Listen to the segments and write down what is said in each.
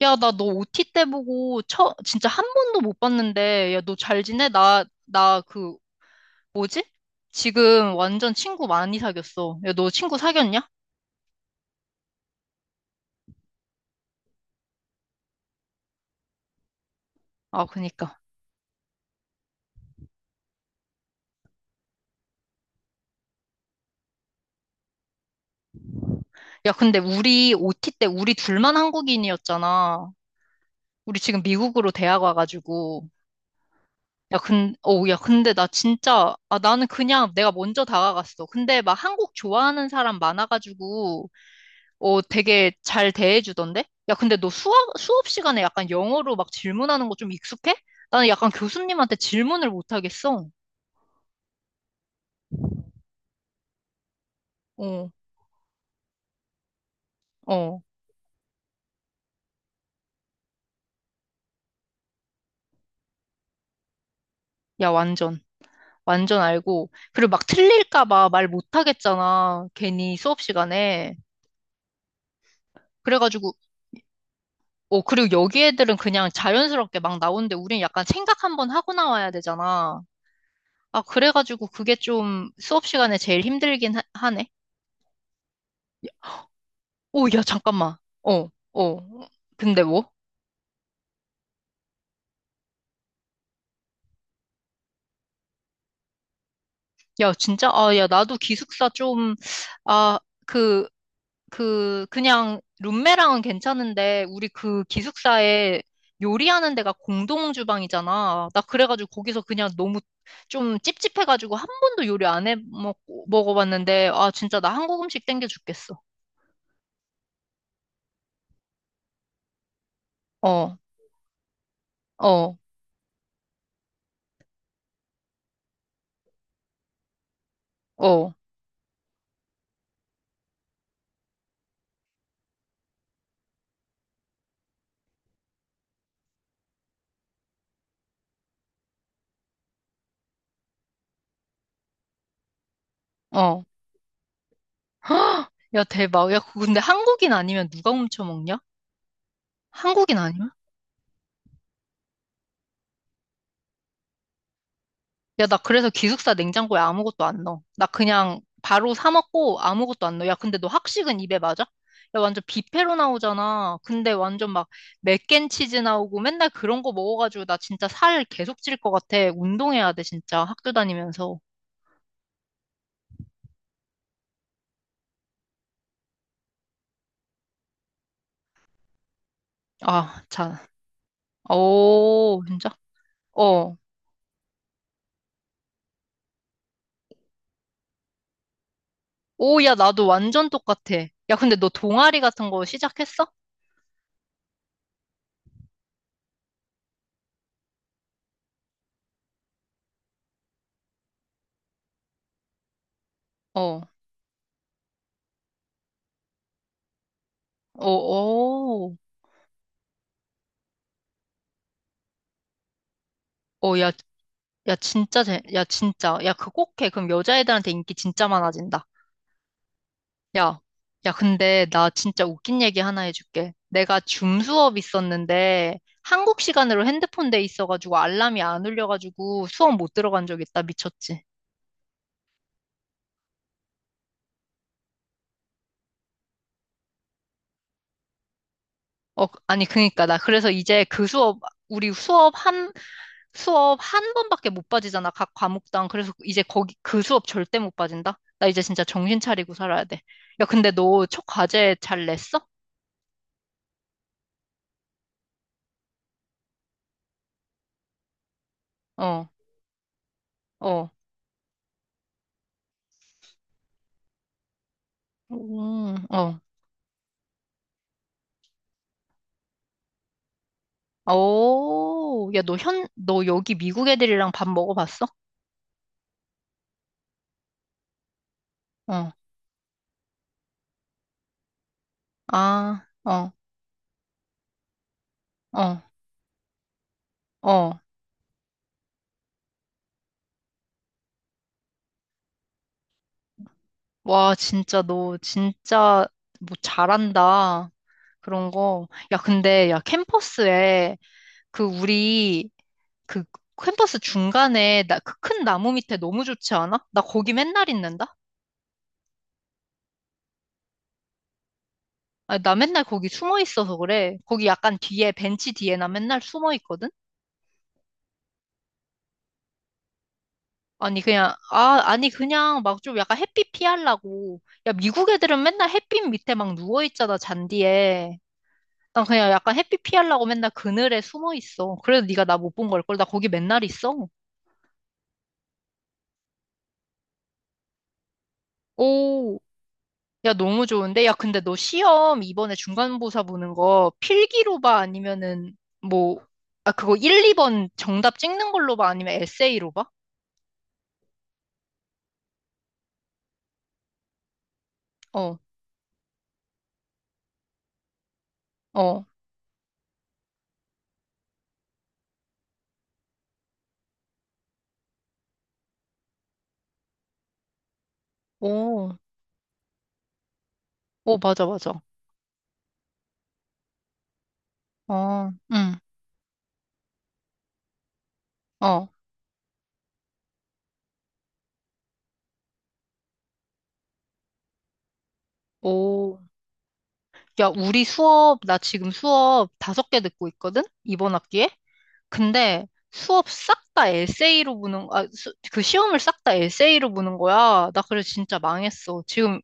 야, 나 너 OT 때 보고 진짜 한 번도 못 봤는데, 야, 너 잘 지내? 나 그, 뭐지? 지금 완전 친구 많이 사귀었어. 야, 너 친구 사귀었냐? 아, 그니까. 야, 근데 우리 OT 때 우리 둘만 한국인이었잖아. 우리 지금 미국으로 대학 와가지고. 야, 근, 어, 야, 근데 나 진짜, 아, 나는 그냥 내가 먼저 다가갔어. 근데 막 한국 좋아하는 사람 많아가지고, 되게 잘 대해주던데? 야, 근데 너 수업 시간에 약간 영어로 막 질문하는 거 좀 익숙해? 나는 약간 교수님한테 질문을 못 하겠어. 어, 어. 야, 완전. 완전 알고. 그리고 막 틀릴까 봐 말 못 하겠잖아. 괜히 수업 시간에. 그래가지고, 그리고 여기 애들은 그냥 자연스럽게 막 나오는데 우린 약간 생각 한번 하고 나와야 되잖아. 아, 그래가지고 그게 좀 수업 시간에 제일 힘들긴 하네. 오, 야, 잠깐만. 어, 어. 근데 뭐? 야, 진짜? 아, 야, 나도 기숙사 좀, 아, 그, 그냥 룸메랑은 괜찮은데, 우리 그 기숙사에 요리하는 데가 공동 주방이잖아. 나 그래가지고 거기서 그냥 너무 좀 찝찝해가지고 한 번도 요리 안 해 먹어봤는데, 아, 진짜 나 한국 음식 땡겨 죽겠어. 어, 어, 어, 어. 헉! 야, 대박. 야, 그거 근데 한국인 아니면 누가 훔쳐 먹냐? 한국인 아니면? 야, 나 그래서 기숙사 냉장고에 아무것도 안 넣어. 나 그냥 바로 사 먹고 아무것도 안 넣어. 야, 근데 너 학식은 입에 맞아? 야, 완전 뷔페로 나오잖아. 근데 완전 막 맥앤치즈 나오고 맨날 그런 거 먹어가지고 나 진짜 살 계속 찔 것 같아. 운동해야 돼, 진짜. 학교 다니면서. 아, 참. 오, 진짜? 어. 오, 야, 나도 완전 똑같아. 야, 근데 너 동아리 같은 거 시작했어? 어. 어, 오. 어, 야, 야, 진짜, 재, 야, 진짜. 야, 그거 꼭 해. 그럼 여자애들한테 인기 진짜 많아진다. 야, 야, 근데 나 진짜 웃긴 얘기 하나 해줄게. 내가 줌 수업 있었는데 한국 시간으로 핸드폰 돼 있어가지고 알람이 안 울려가지고 수업 못 들어간 적 있다. 미쳤지. 어, 아니, 그니까. 나 그래서 이제 우리 수업 한, 수업 한 번밖에 못 빠지잖아. 각 과목당. 그래서 이제 그 수업 절대 못 빠진다. 나 이제 진짜 정신 차리고 살아야 돼. 야, 근데 너 첫 과제 잘 냈어? 어, 어. 어. 오, 야, 너 너 여기 미국 애들이랑 밥 먹어봤어? 어. 아, 어, 어, 어. 와, 진짜 너 진짜 뭐 잘한다. 그런 거. 야, 근데 캠퍼스에 그 우리 그 캠퍼스 중간에 그 큰 나무 밑에 너무 좋지 않아? 나 거기 맨날 있는다? 아, 나 맨날 거기 숨어 있어서 그래. 거기 약간 뒤에 벤치 뒤에 나 맨날 숨어 있거든. 아니, 그냥 막 좀 약간 햇빛 피하려고. 야, 미국 애들은 맨날 햇빛 밑에 막 누워 있잖아, 잔디에. 난 그냥 약간 햇빛 피하려고 맨날 그늘에 숨어 있어. 그래도 네가 나 못 본 걸걸 나 거기 맨날 있어. 오, 야, 너무 좋은데. 야, 근데 너 시험 이번에 중간고사 보는 거 필기로 봐 아니면은 뭐 그거 1, 2번 정답 찍는 걸로 봐 아니면 에세이로 봐? 어, 어. 오. 오, 맞아, 맞아. 어응어오. 야, 우리 나 지금 수업 다섯 개 듣고 있거든? 이번 학기에? 근데 수업 싹 다 에세이로 보는, 아, 수- 그 시험을 싹 다 에세이로 보는 거야. 나 그래서 진짜 망했어. 지금,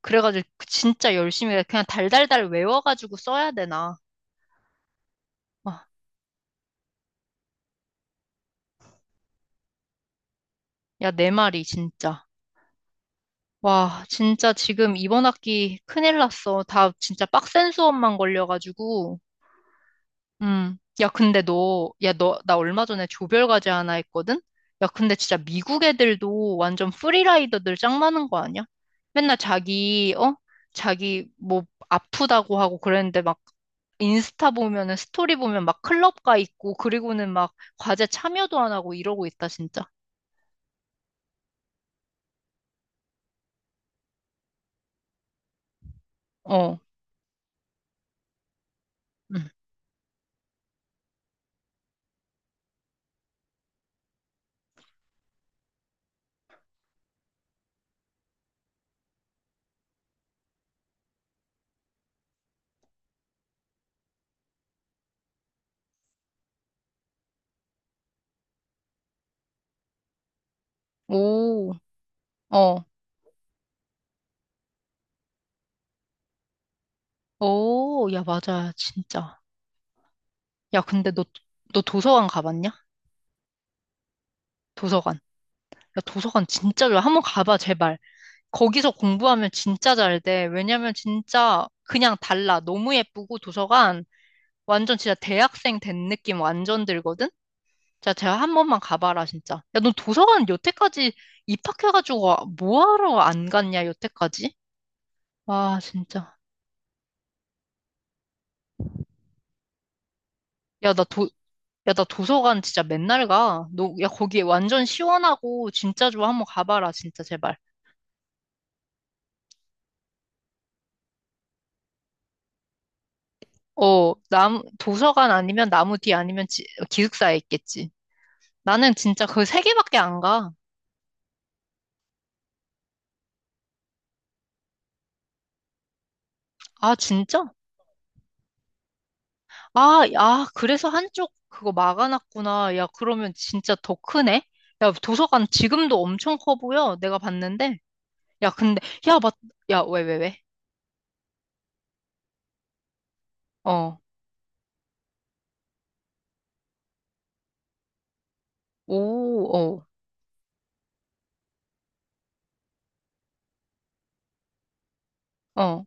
그래가지고 그 진짜 열심히 해. 그냥 달달달 외워가지고 써야 되나. 와, 야, 내 말이 진짜. 와, 진짜 지금 이번 학기 큰일 났어. 다 진짜 빡센 수업만 걸려가지고. 음. 야, 근데 나 얼마 전에 조별과제 하나 했거든? 야, 근데 진짜 미국 애들도 완전 프리라이더들 짱 많은 거 아니야? 맨날 자기, 어? 자기 뭐 아프다고 하고 그랬는데 막 인스타 보면은 스토리 보면 막 클럽 가 있고 그리고는 막 과제 참여도 안 하고 이러고 있다, 진짜. 어. 응. 오. 어. 오, 야, 맞아. 진짜. 야, 근데 너 도서관 가봤냐? 도서관. 야, 도서관 진짜 좋아. 한번 가봐, 제발. 거기서 공부하면 진짜 잘 돼. 왜냐면 진짜 그냥 달라. 너무 예쁘고 도서관 완전 진짜 대학생 된 느낌 완전 들거든? 자, 제가 한 번만 가봐라, 진짜. 야, 너 도서관 여태까지 입학해가지고 뭐 하러 안 갔냐, 여태까지? 와, 진짜. 야, 나 도, 야, 나 도서관 진짜 맨날 가. 너, 야, 거기 완전 시원하고 진짜 좋아. 한 번 가봐라, 진짜, 제발. 어, 도서관 아니면 나무 뒤 아니면 기숙사에 있겠지. 나는 진짜 그 세 개밖에 안 가. 아, 진짜? 아, 아, 그래서 한쪽 그거 막아놨구나. 야, 그러면 진짜 더 크네? 야, 도서관 지금도 엄청 커 보여. 내가 봤는데. 야, 근데, 야, 맞, 야, 왜, 왜, 왜? 어, 오, 어, 어.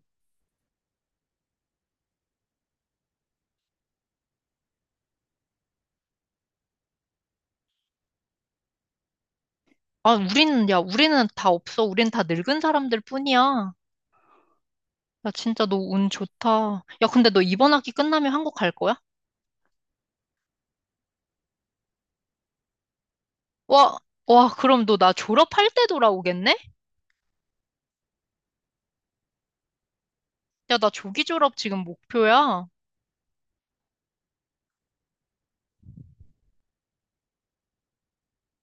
우리는 다 없어. 우린 다 늙은 사람들 뿐이야. 야, 진짜 너 운 좋다. 야, 근데 너 이번 학기 끝나면 한국 갈 거야? 와, 와, 그럼 너 나 졸업할 때 돌아오겠네? 야, 나 조기 졸업 지금 목표야.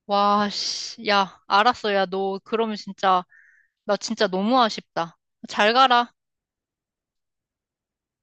와, 씨. 야, 알았어. 야, 너 그러면 진짜, 나 진짜 너무 아쉽다. 잘 가라.